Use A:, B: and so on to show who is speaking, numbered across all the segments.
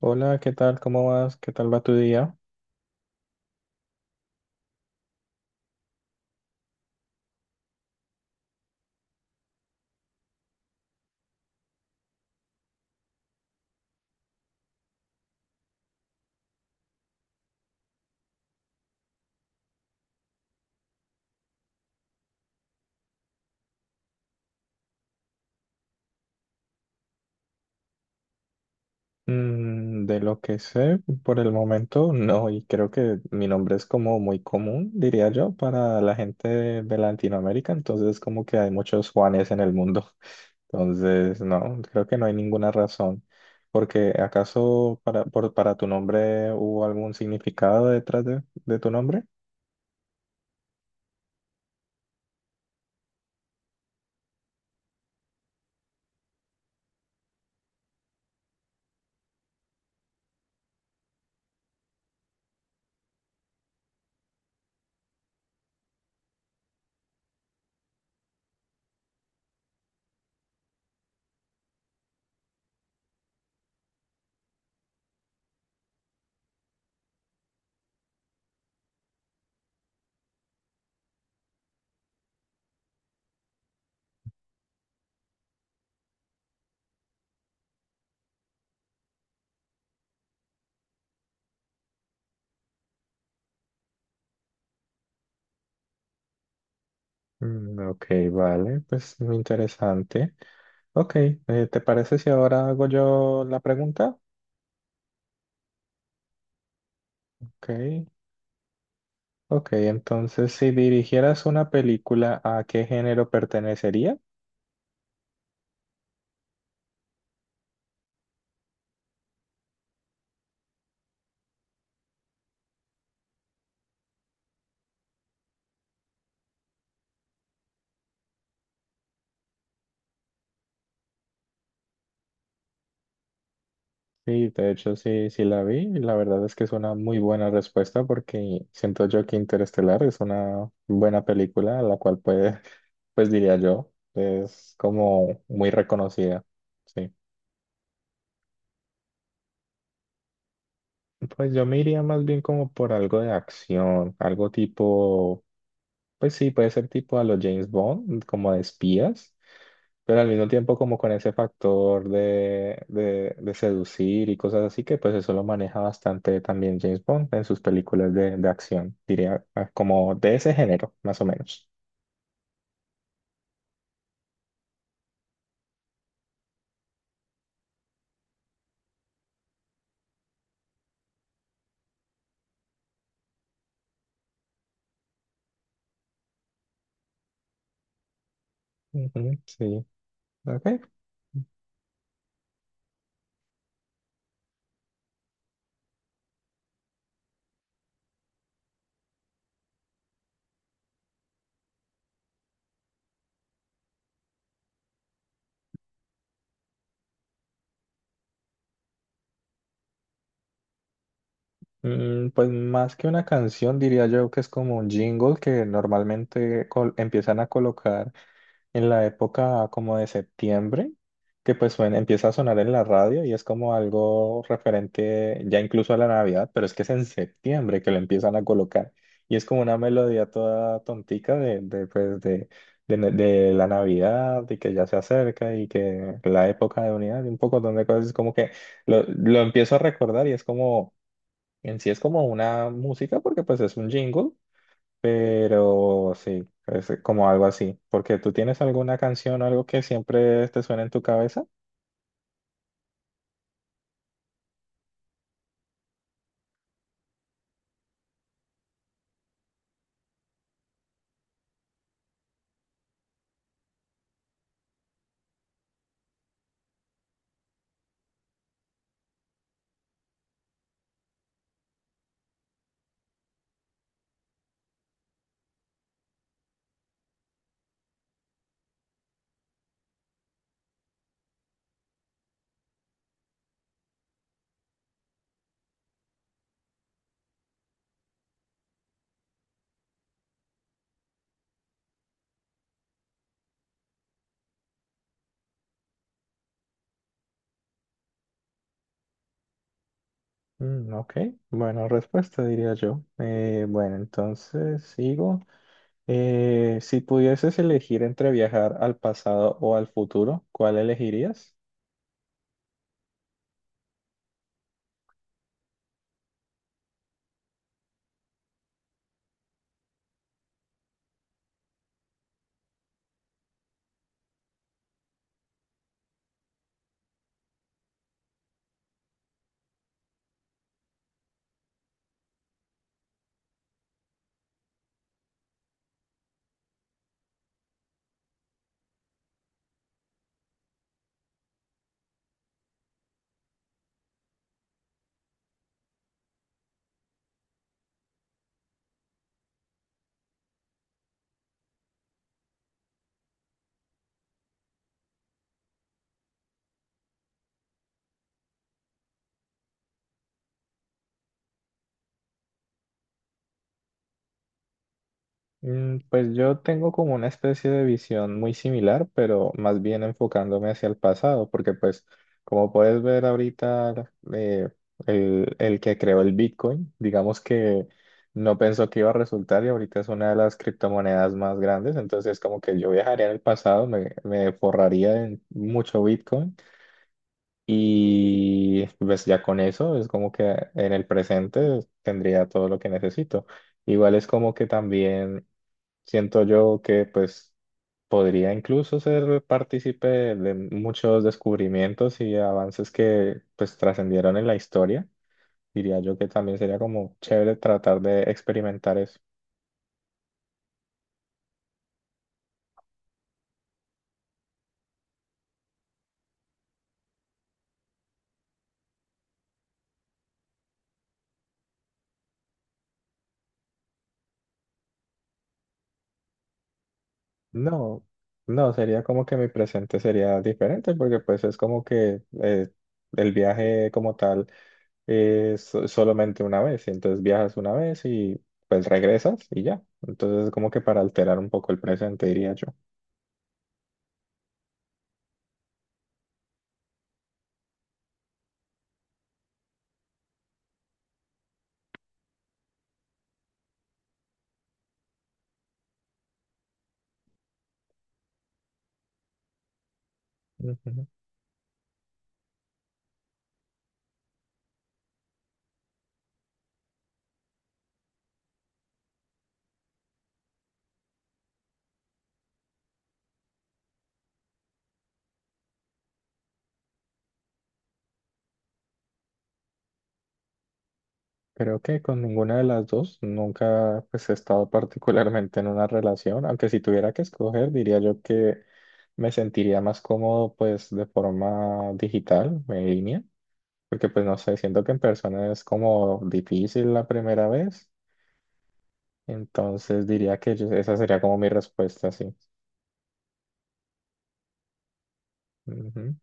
A: Hola, ¿qué tal? ¿Cómo vas? ¿Qué tal va tu día? De lo que sé, por el momento no, y creo que mi nombre es como muy común, diría yo, para la gente de Latinoamérica, entonces como que hay muchos Juanes en el mundo. Entonces, no, creo que no hay ninguna razón, porque ¿acaso para tu nombre hubo algún significado detrás de tu nombre? Mm, ok, vale, pues interesante. Ok, ¿te parece si ahora hago yo la pregunta? Ok, ok, entonces si dirigieras una película, ¿a qué género pertenecería? Sí, de hecho sí, sí la vi y la verdad es que es una muy buena respuesta porque siento yo que Interestelar es una buena película, la cual puede, pues diría yo, es como muy reconocida. Sí. Pues yo me iría más bien como por algo de acción, algo tipo. Pues sí, puede ser tipo a los James Bond, como de espías, pero al mismo tiempo como con ese factor de seducir y cosas así, que pues eso lo maneja bastante también James Bond en sus películas de acción, diría, ah, como de ese género, más o menos. Ujú, sí, ok. Mm, pues más que una canción, diría yo que es como un jingle que normalmente empiezan a colocar en la época como de septiembre, que empieza a sonar en la radio y es como algo referente ya incluso a la Navidad, pero es que es en septiembre que lo empiezan a colocar y es como una melodía toda tontica de, pues, de la Navidad y que ya se acerca y que la época de unidad y un poco de cosas, es como que lo empiezo a recordar y es como, en sí es como una música porque pues es un jingle pero sí, es como algo así. Porque tú tienes alguna canción o algo que siempre te suena en tu cabeza. Mm, ok, bueno, respuesta diría yo. Bueno, entonces sigo. Si pudieses elegir entre viajar al pasado o al futuro, ¿cuál elegirías? Pues yo tengo como una especie de visión muy similar, pero más bien enfocándome hacia el pasado, porque pues como puedes ver ahorita, el que creó el Bitcoin, digamos que no pensó que iba a resultar y ahorita es una de las criptomonedas más grandes, entonces como que yo viajaría en el pasado, me forraría en mucho Bitcoin y pues ya con eso es como que en el presente tendría todo lo que necesito. Igual es como que también siento yo que pues podría incluso ser partícipe de muchos descubrimientos y avances que pues trascendieron en la historia. Diría yo que también sería como chévere tratar de experimentar eso. No, no, sería como que mi presente sería diferente porque pues es como que el viaje como tal es solamente una vez, entonces viajas una vez y pues regresas y ya. Entonces es como que para alterar un poco el presente, diría yo. Ujú. Creo que con ninguna de las dos nunca pues, he estado particularmente en una relación, aunque si tuviera que escoger diría yo que me sentiría más cómodo pues de forma digital, en línea, porque pues no sé, siento que en persona es como difícil la primera vez, entonces diría que esa sería como mi respuesta, sí. Ujú.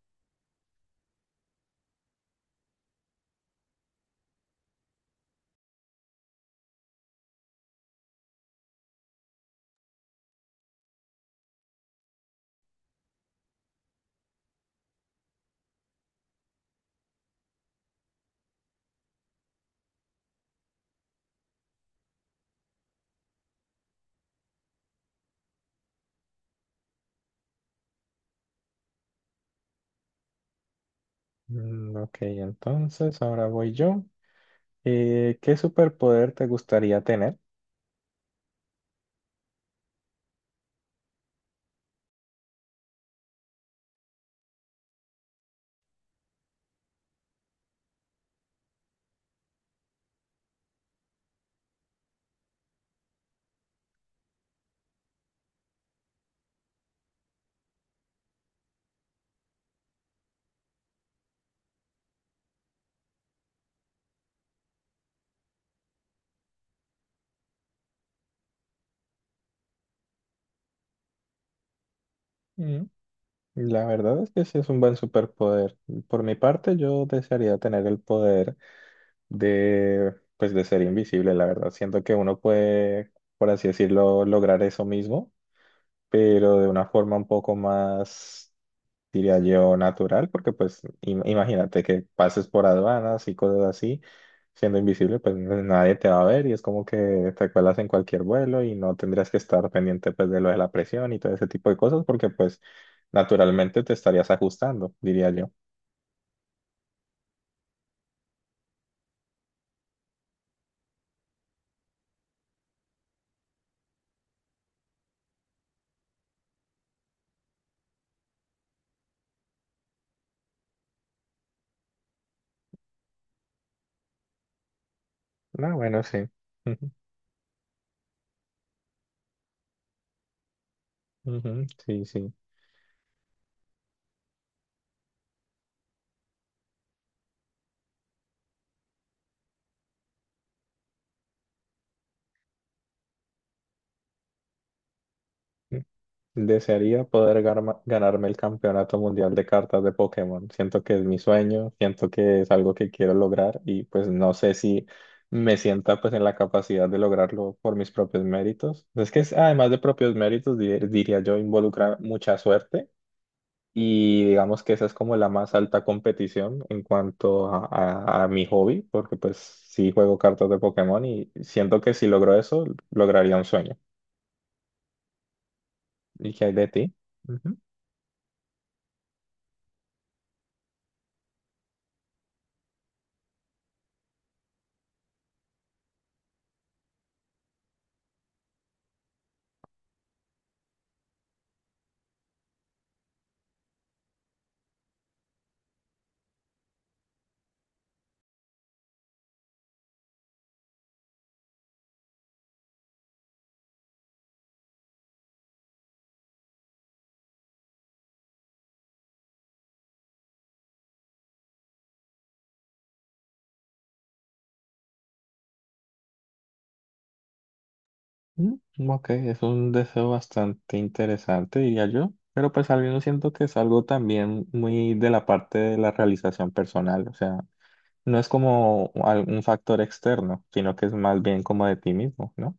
A: Mm, ok, entonces ahora voy yo. ¿Qué superpoder te gustaría tener? Mm. La verdad es que sí es un buen superpoder. Por mi parte, yo desearía tener el poder de, pues, de ser invisible, la verdad. Siento que uno puede, por así decirlo, lograr eso mismo, pero de una forma un poco más, diría yo, natural, porque pues imagínate que pases por aduanas y cosas así, siendo invisible, pues nadie te va a ver y es como que te cuelas en cualquier vuelo y no tendrías que estar pendiente pues de lo de la presión y todo ese tipo de cosas, porque pues naturalmente te estarías ajustando, diría yo. No, bueno, sí. Ujú, ujú, sí, sí. Desearía poder ganarme el campeonato mundial de cartas de Pokémon. Siento que es mi sueño, siento que es algo que quiero lograr y pues no sé si me sienta pues en la capacidad de lograrlo por mis propios méritos. Es que además de propios méritos, diría yo, involucra mucha suerte y digamos que esa es como la más alta competición en cuanto a, a mi hobby, porque pues sí juego cartas de Pokémon y siento que si logro eso, lograría un sueño. ¿Y qué hay de ti? Mm, ok, es un deseo bastante interesante, diría yo, pero pues al menos siento que es algo también muy de la parte de la realización personal, o sea, no es como un factor externo, sino que es más bien como de ti mismo, ¿no?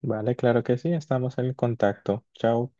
A: Vale, claro que sí, estamos en contacto. Chao.